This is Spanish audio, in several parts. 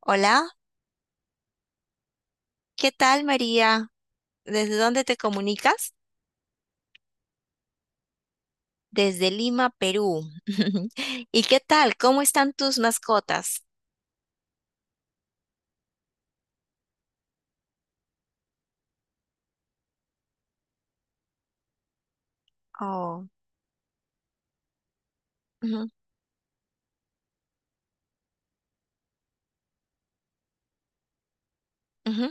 Hola, ¿qué tal María? ¿Desde dónde te comunicas? Desde Lima, Perú. ¿Y qué tal? ¿Cómo están tus mascotas? Oh, ujú, ujú.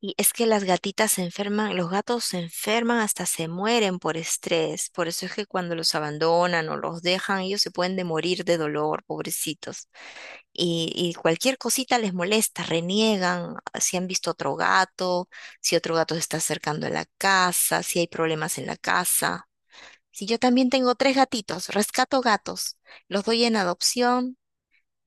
Y es que las gatitas se enferman, los gatos se enferman hasta se mueren por estrés. Por eso es que cuando los abandonan o los dejan, ellos se pueden de morir de dolor, pobrecitos. Y cualquier cosita les molesta, reniegan si han visto otro gato, si otro gato se está acercando a la casa, si hay problemas en la casa. Si yo también tengo tres gatitos, rescato gatos, los doy en adopción,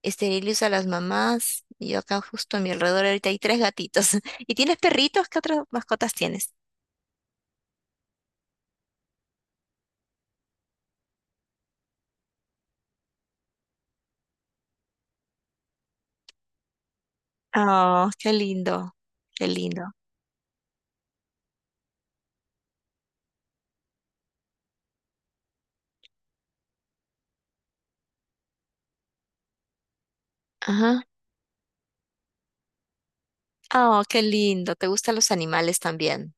esterilizo a las mamás, y yo acá justo a mi alrededor ahorita hay tres gatitos. ¿Y tienes perritos? ¿Qué otras mascotas tienes? Oh, qué lindo, qué lindo. Ajá. Oh, qué lindo. ¿Te gustan los animales también?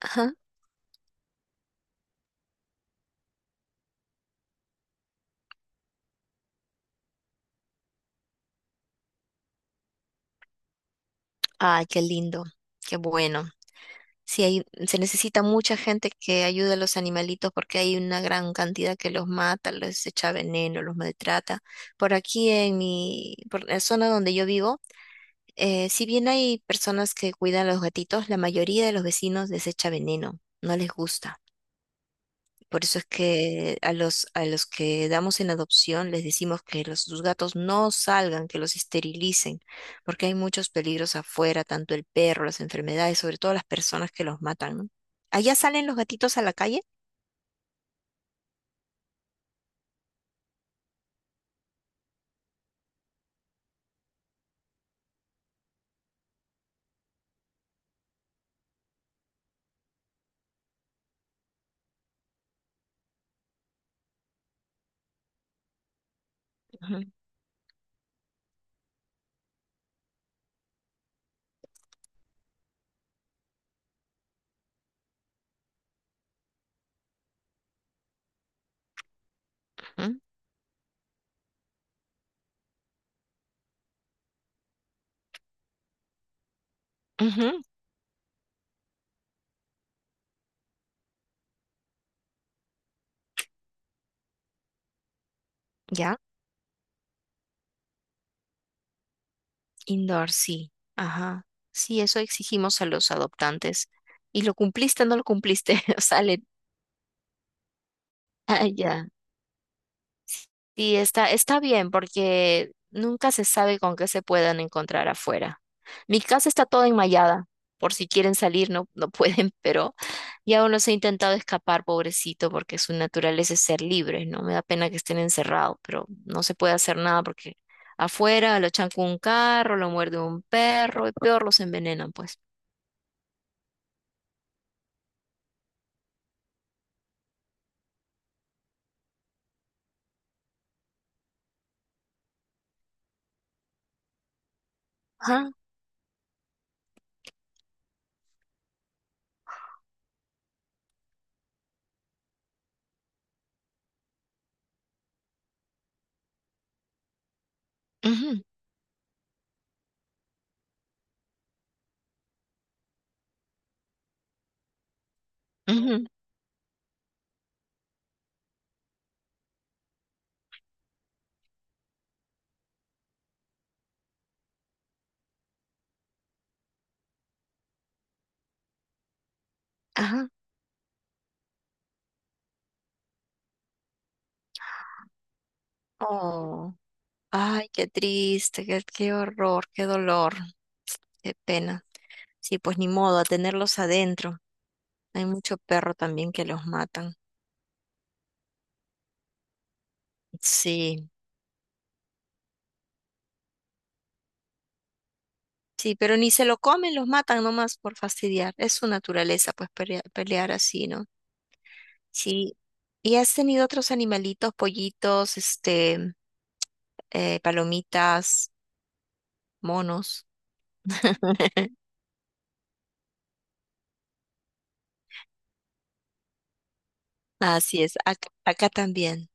Ajá. Ay, qué lindo, qué bueno. Si hay, se necesita mucha gente que ayude a los animalitos porque hay una gran cantidad que los mata, les echa veneno, los maltrata. Por aquí por la zona donde yo vivo, si bien hay personas que cuidan a los gatitos, la mayoría de los vecinos desecha veneno, no les gusta. Por eso es que a los que damos en adopción les decimos que los, sus gatos no salgan, que los esterilicen, porque hay muchos peligros afuera, tanto el perro, las enfermedades, sobre todo las personas que los matan, ¿no? ¿Allá salen los gatitos a la calle? Ujú, ujú, ujú. ¿Ya? Indoor, sí. Ajá. Sí, eso exigimos a los adoptantes. ¿Y lo cumpliste o no lo cumpliste? Salen. Allá. Sí, está bien porque nunca se sabe con qué se puedan encontrar afuera. Mi casa está toda enmallada, por si quieren salir, no, no pueden, pero ya uno se ha intentado escapar, pobrecito, porque su naturaleza es ser libre, ¿no? Me da pena que estén encerrados, pero no se puede hacer nada porque afuera lo chanca un carro, lo muerde un perro y peor los envenenan, pues. Ajá, ujú, ujú, ajá. Oh. Ay, qué triste, qué horror, qué dolor, qué pena. Sí, pues ni modo, a tenerlos adentro. Hay mucho perro también que los matan. Sí, sí, pero ni se lo comen, los matan nomás por fastidiar. Es su naturaleza, pues pelear, así, ¿no? Sí. ¿Y has tenido otros animalitos, pollitos, palomitas, monos? Así es, acá también.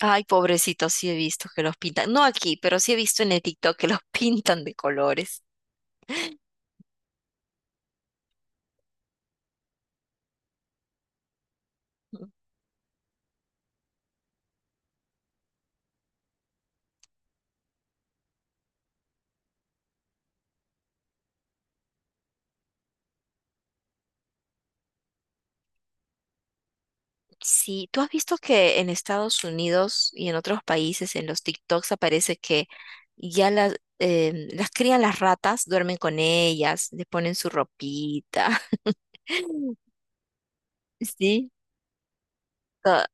Ay, pobrecitos, sí he visto que los pintan. No aquí, pero sí he visto en el TikTok que los pintan de colores. Ujú. Sí, tú has visto que en Estados Unidos y en otros países, en los TikToks aparece que ya las crían las ratas, duermen con ellas, le ponen su ropita. Sí. Ah,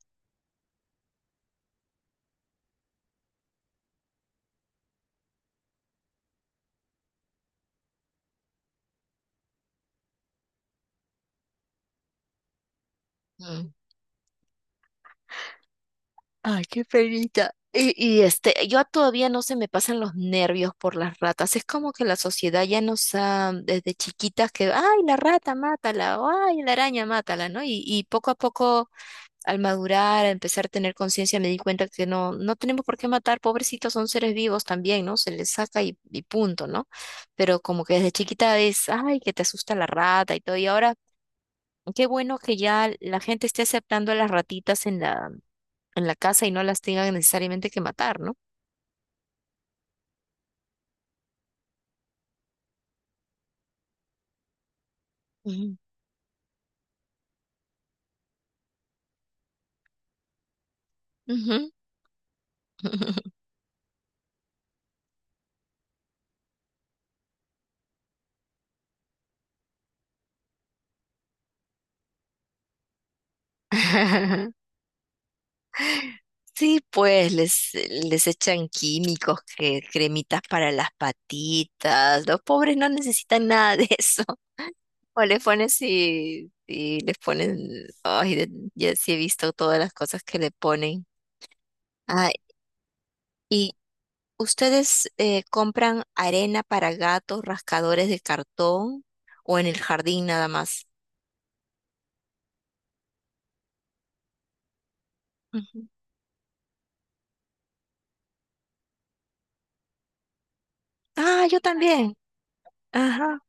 mm. Ay, qué penita. Yo todavía no se me pasan los nervios por las ratas. Es como que la sociedad ya nos ha, desde chiquitas que, ay, la rata, mátala, o ay, la araña, mátala, ¿no? Y poco a poco al madurar, a empezar a tener conciencia, me di cuenta que no, no tenemos por qué matar, pobrecitos, son seres vivos también, ¿no? Se les saca y punto, ¿no? Pero como que desde chiquita es, ay, que te asusta la rata y todo, y ahora qué bueno que ya la gente esté aceptando a las ratitas en la casa y no las tengan necesariamente que matar, ¿no? Ujú. Ujú. Sí, pues les echan químicos, que, cremitas para las patitas. Los pobres no necesitan nada de eso. O les pones y les ponen, ay, ya sí he visto todas las cosas que le ponen. Ah, ¿y ustedes compran arena para gatos, rascadores de cartón o en el jardín nada más? Ujú. Ah, yo también. Ajá.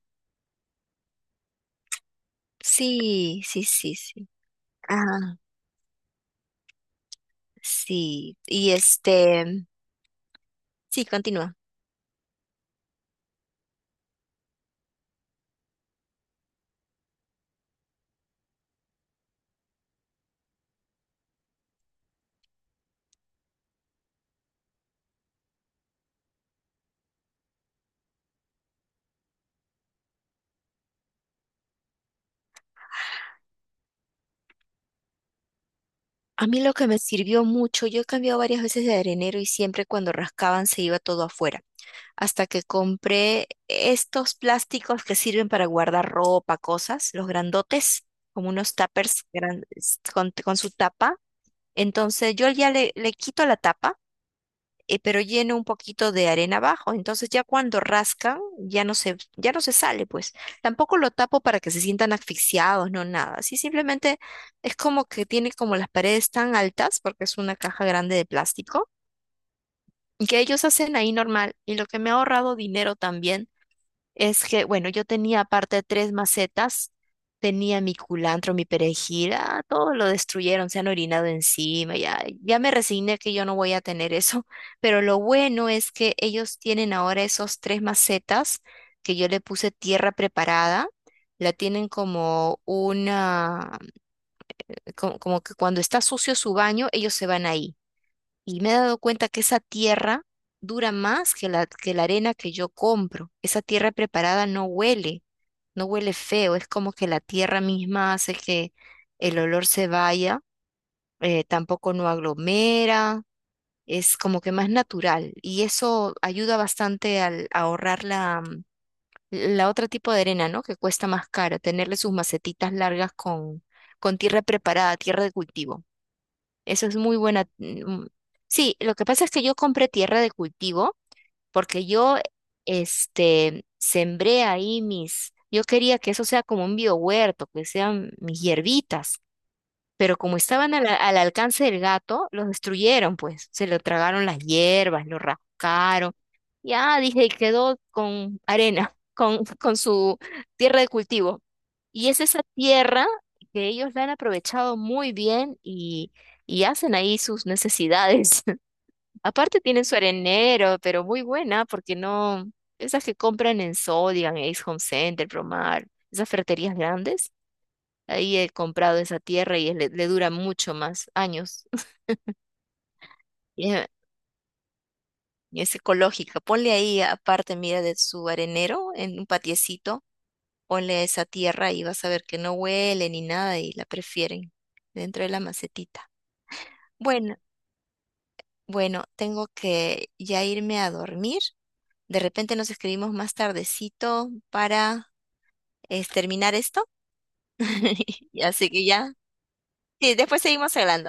Sí, sí, sí, sí. Ah, sí. Y sí, continúa. A mí lo que me sirvió mucho, yo he cambiado varias veces de arenero y siempre cuando rascaban se iba todo afuera. Hasta que compré estos plásticos que sirven para guardar ropa, cosas, los grandotes, como unos tuppers con su tapa. Entonces yo ya le quito la tapa, pero lleno un poquito de arena abajo. Entonces ya cuando rascan, ya no se sale, pues. Tampoco lo tapo para que se sientan asfixiados, no nada. Así simplemente es como que tiene como las paredes tan altas, porque es una caja grande de plástico, y que ellos hacen ahí normal. Y lo que me ha ahorrado dinero también es que, bueno, yo tenía aparte tres macetas, tenía mi culantro, mi perejil, ah, todo lo destruyeron, se han orinado encima, ya, ya me resigné que yo no voy a tener eso, pero lo bueno es que ellos tienen ahora esos tres macetas que yo le puse tierra preparada, la tienen como que cuando está sucio su baño, ellos se van ahí. Y me he dado cuenta que esa tierra dura más que que la arena que yo compro, esa tierra preparada no huele feo, es como que la tierra misma hace que el olor se vaya, tampoco no aglomera, es como que más natural y eso ayuda bastante al a ahorrar la otra tipo de arena, ¿no? Que cuesta más cara, tenerle sus macetitas largas con tierra preparada, tierra de cultivo. Eso es muy buena. Sí, lo que pasa es que yo compré tierra de cultivo porque yo sembré ahí yo quería que eso sea como un biohuerto, que sean mis hierbitas, pero como estaban al alcance del gato, los destruyeron, pues se lo tragaron las hierbas, lo rascaron, ya dije, y quedó con arena, con su tierra de cultivo. Y es esa tierra que ellos la han aprovechado muy bien y hacen ahí sus necesidades. Aparte tienen su arenero, pero muy buena, porque no, esas que compran en Sodian, Ace Home Center, Promar, esas ferreterías grandes, ahí he comprado esa tierra y le dura mucho más años. Y es y es ecológica. Ponle ahí, aparte, mira, de su arenero, en un patiecito, ponle esa tierra y vas a ver que no huele ni nada y la prefieren dentro de la macetita. Bueno, bueno, tengo que ya irme a dormir. De repente nos escribimos más tardecito para es terminar esto. Así que ya, sí, después seguimos hablando.